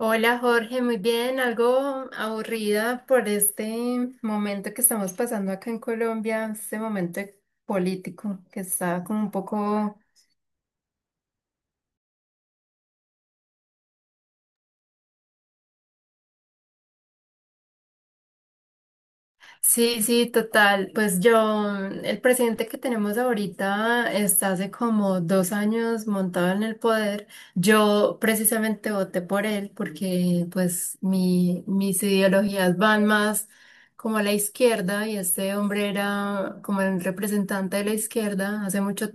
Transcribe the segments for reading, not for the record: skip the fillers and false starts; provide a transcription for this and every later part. Hola Jorge, muy bien, algo aburrida por este momento que estamos pasando acá en Colombia, este momento político que está como un poco. Sí, sí, total. Pues yo, el presidente que tenemos ahorita está hace como 2 años montado en el poder. Yo precisamente voté por él porque pues mis ideologías van más como a la izquierda y este hombre era como el representante de la izquierda hace mucho,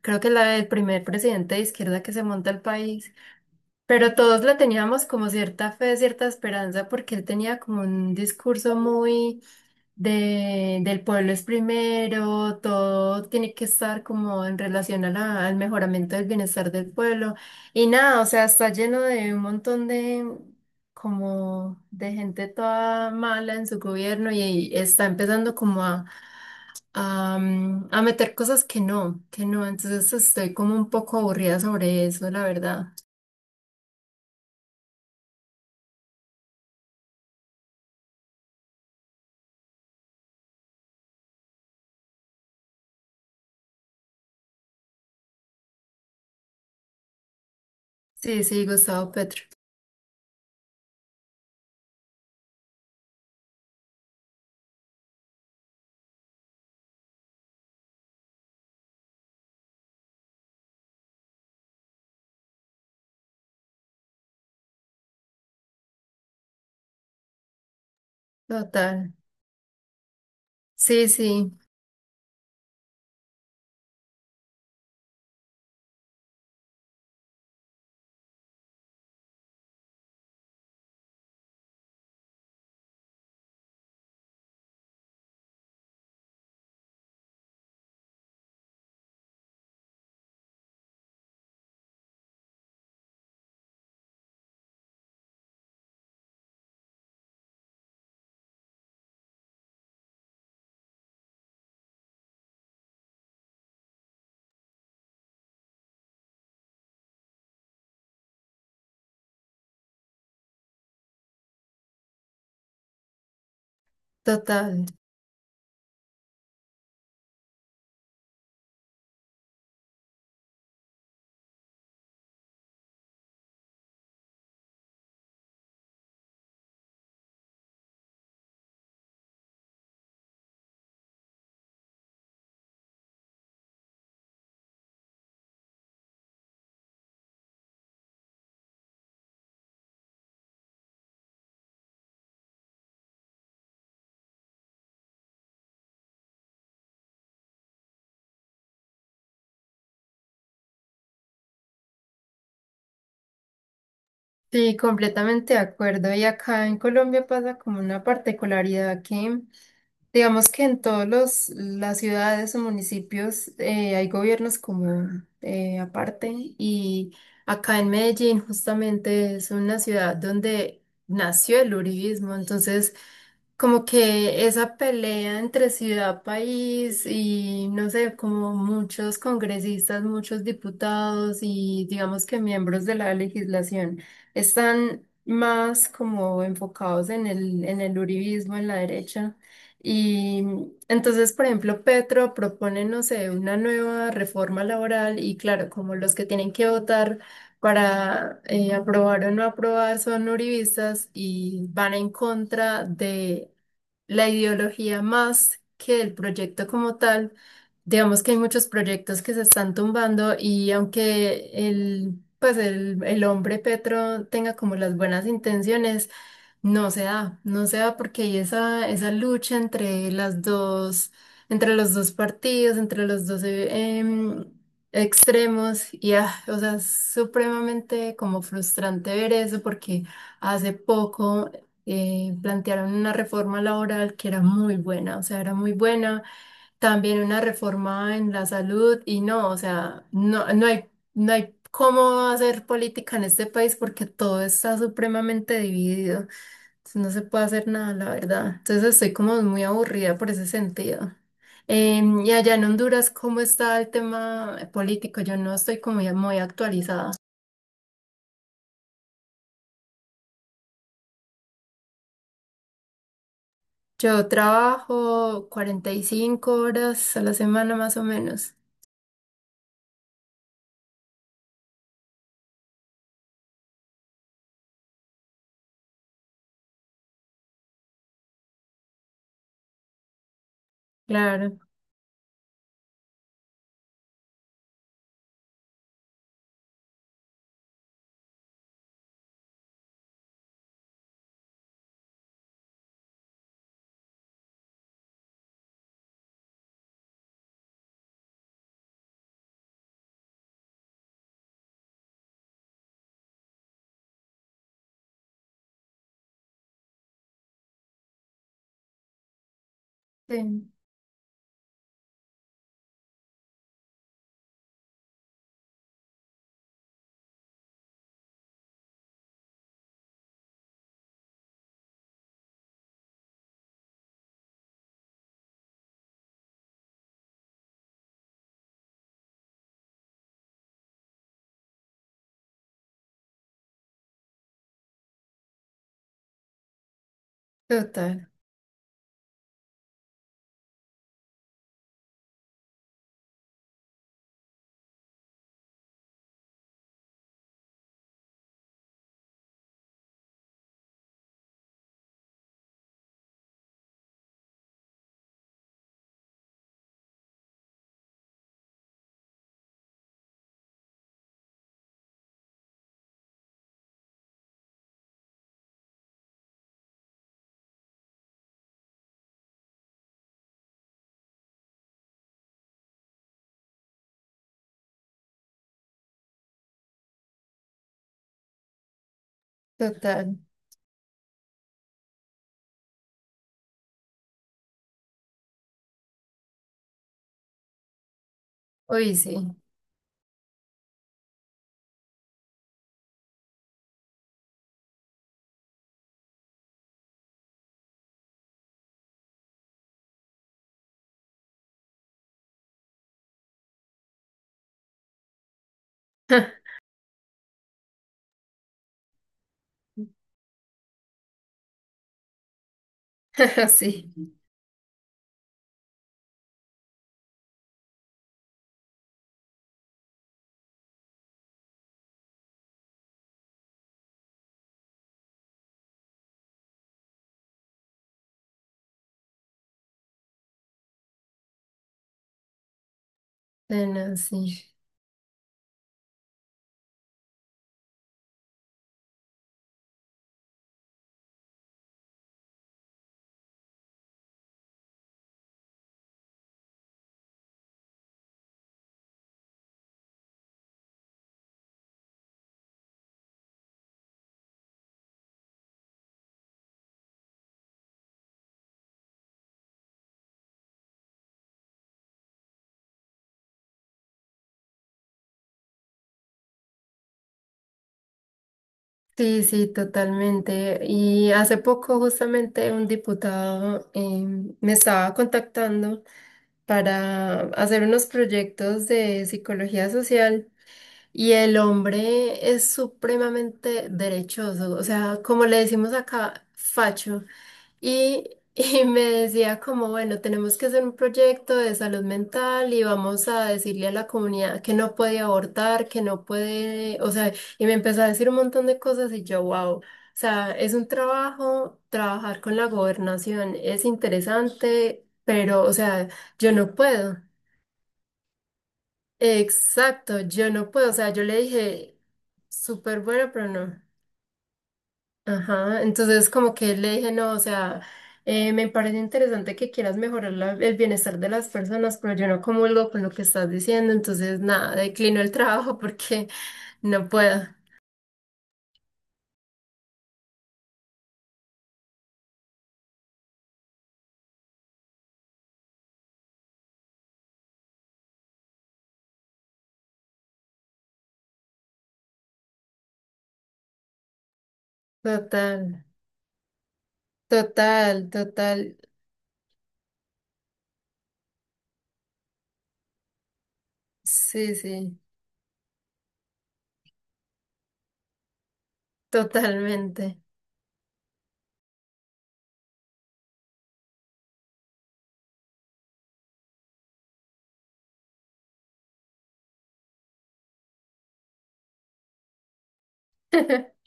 creo que es el primer presidente de izquierda que se monta el país. Pero todos le teníamos como cierta fe, cierta esperanza porque él tenía como un discurso muy del pueblo es primero, todo tiene que estar como en relación a al mejoramiento del bienestar del pueblo. Y nada, o sea, está lleno de un montón de como de gente toda mala en su gobierno y está empezando como a meter cosas que no, que no. Entonces estoy como un poco aburrida sobre eso, la verdad. Sí, sí, Gustavo Petro. Total. Sí, sí, total. Sí, completamente de acuerdo. Y acá en Colombia pasa como una particularidad que. Digamos que en todos los las ciudades o municipios hay gobiernos como aparte y acá en Medellín justamente es una ciudad donde nació el uribismo, entonces como que esa pelea entre ciudad, país y no sé, como muchos congresistas, muchos diputados y digamos que miembros de la legislación están más como enfocados en el uribismo, en la derecha. Y entonces, por ejemplo, Petro propone, no sé, una nueva reforma laboral y claro, como los que tienen que votar para aprobar o no aprobar son uribistas y van en contra de la ideología más que del proyecto como tal. Digamos que hay muchos proyectos que se están tumbando y aunque el hombre Petro tenga como las buenas intenciones, no se da, no se da porque hay esa lucha entre las dos, entre los dos partidos, entre los dos extremos, o sea, es supremamente como frustrante ver eso porque hace poco plantearon una reforma laboral que era muy buena, o sea, era muy buena, también una reforma en la salud, y no, o sea, no hay cómo hacer política en este país porque todo está supremamente dividido. No se puede hacer nada, la verdad. Entonces estoy como muy aburrida por ese sentido. Y allá en Honduras, ¿cómo está el tema político? Yo no estoy como ya muy actualizada. Yo trabajo 45 horas a la semana más o menos. Claro. Sí. Total, total. Uy, sí. Sí. Bueno, sí. Sí, sí, totalmente. Y hace poco justamente un diputado me estaba contactando para hacer unos proyectos de psicología social. Y el hombre es supremamente derechoso, o sea, como le decimos acá, facho. Y, y me decía como, bueno, tenemos que hacer un proyecto de salud mental y vamos a decirle a la comunidad que no puede abortar, que no puede, o sea, y me empezó a decir un montón de cosas y yo, wow, o sea, es un trabajo, trabajar con la gobernación es interesante, pero, o sea, yo no puedo. Exacto, yo no puedo, o sea, yo le dije, súper bueno, pero no. Ajá, entonces como que le dije, no, o sea, me parece interesante que quieras mejorar el bienestar de las personas, pero yo no comulgo con lo que estás diciendo, entonces nada, declino el trabajo porque no puedo. Total, total, total, sí, sí, totalmente.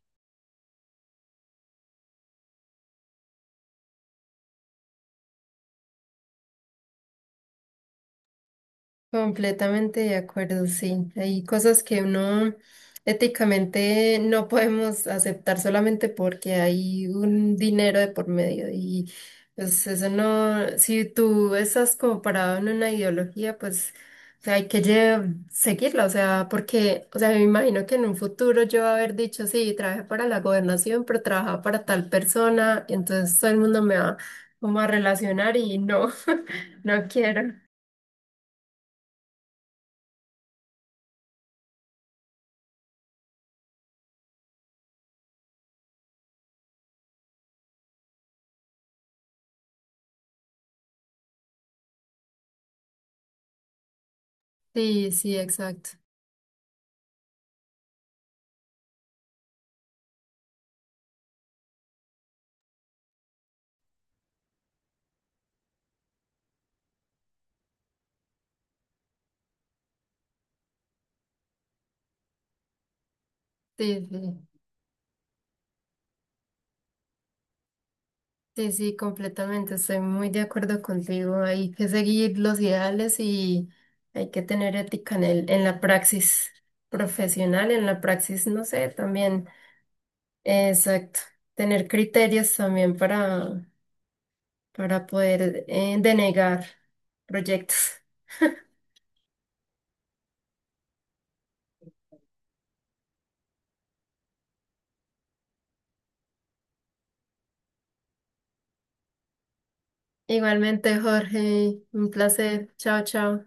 Completamente de acuerdo, sí. Hay cosas que uno éticamente no podemos aceptar solamente porque hay un dinero de por medio y pues eso no, si tú estás como parado en una ideología, pues o sea, hay que seguirla, o sea, porque, o sea, me imagino que en un futuro yo haber dicho, sí, trabajé para la gobernación, pero trabajaba para tal persona, y entonces todo el mundo me va como a relacionar y no, no quiero. Sí, sí, exacto. Sí, sí, sí, sí, completamente. Estoy muy de acuerdo contigo. Hay que seguir los ideales y hay que tener ética en en la praxis profesional, en la praxis, no sé, también. Exacto. Tener criterios también para poder denegar proyectos. Igualmente, Jorge, un placer. Chao, chao.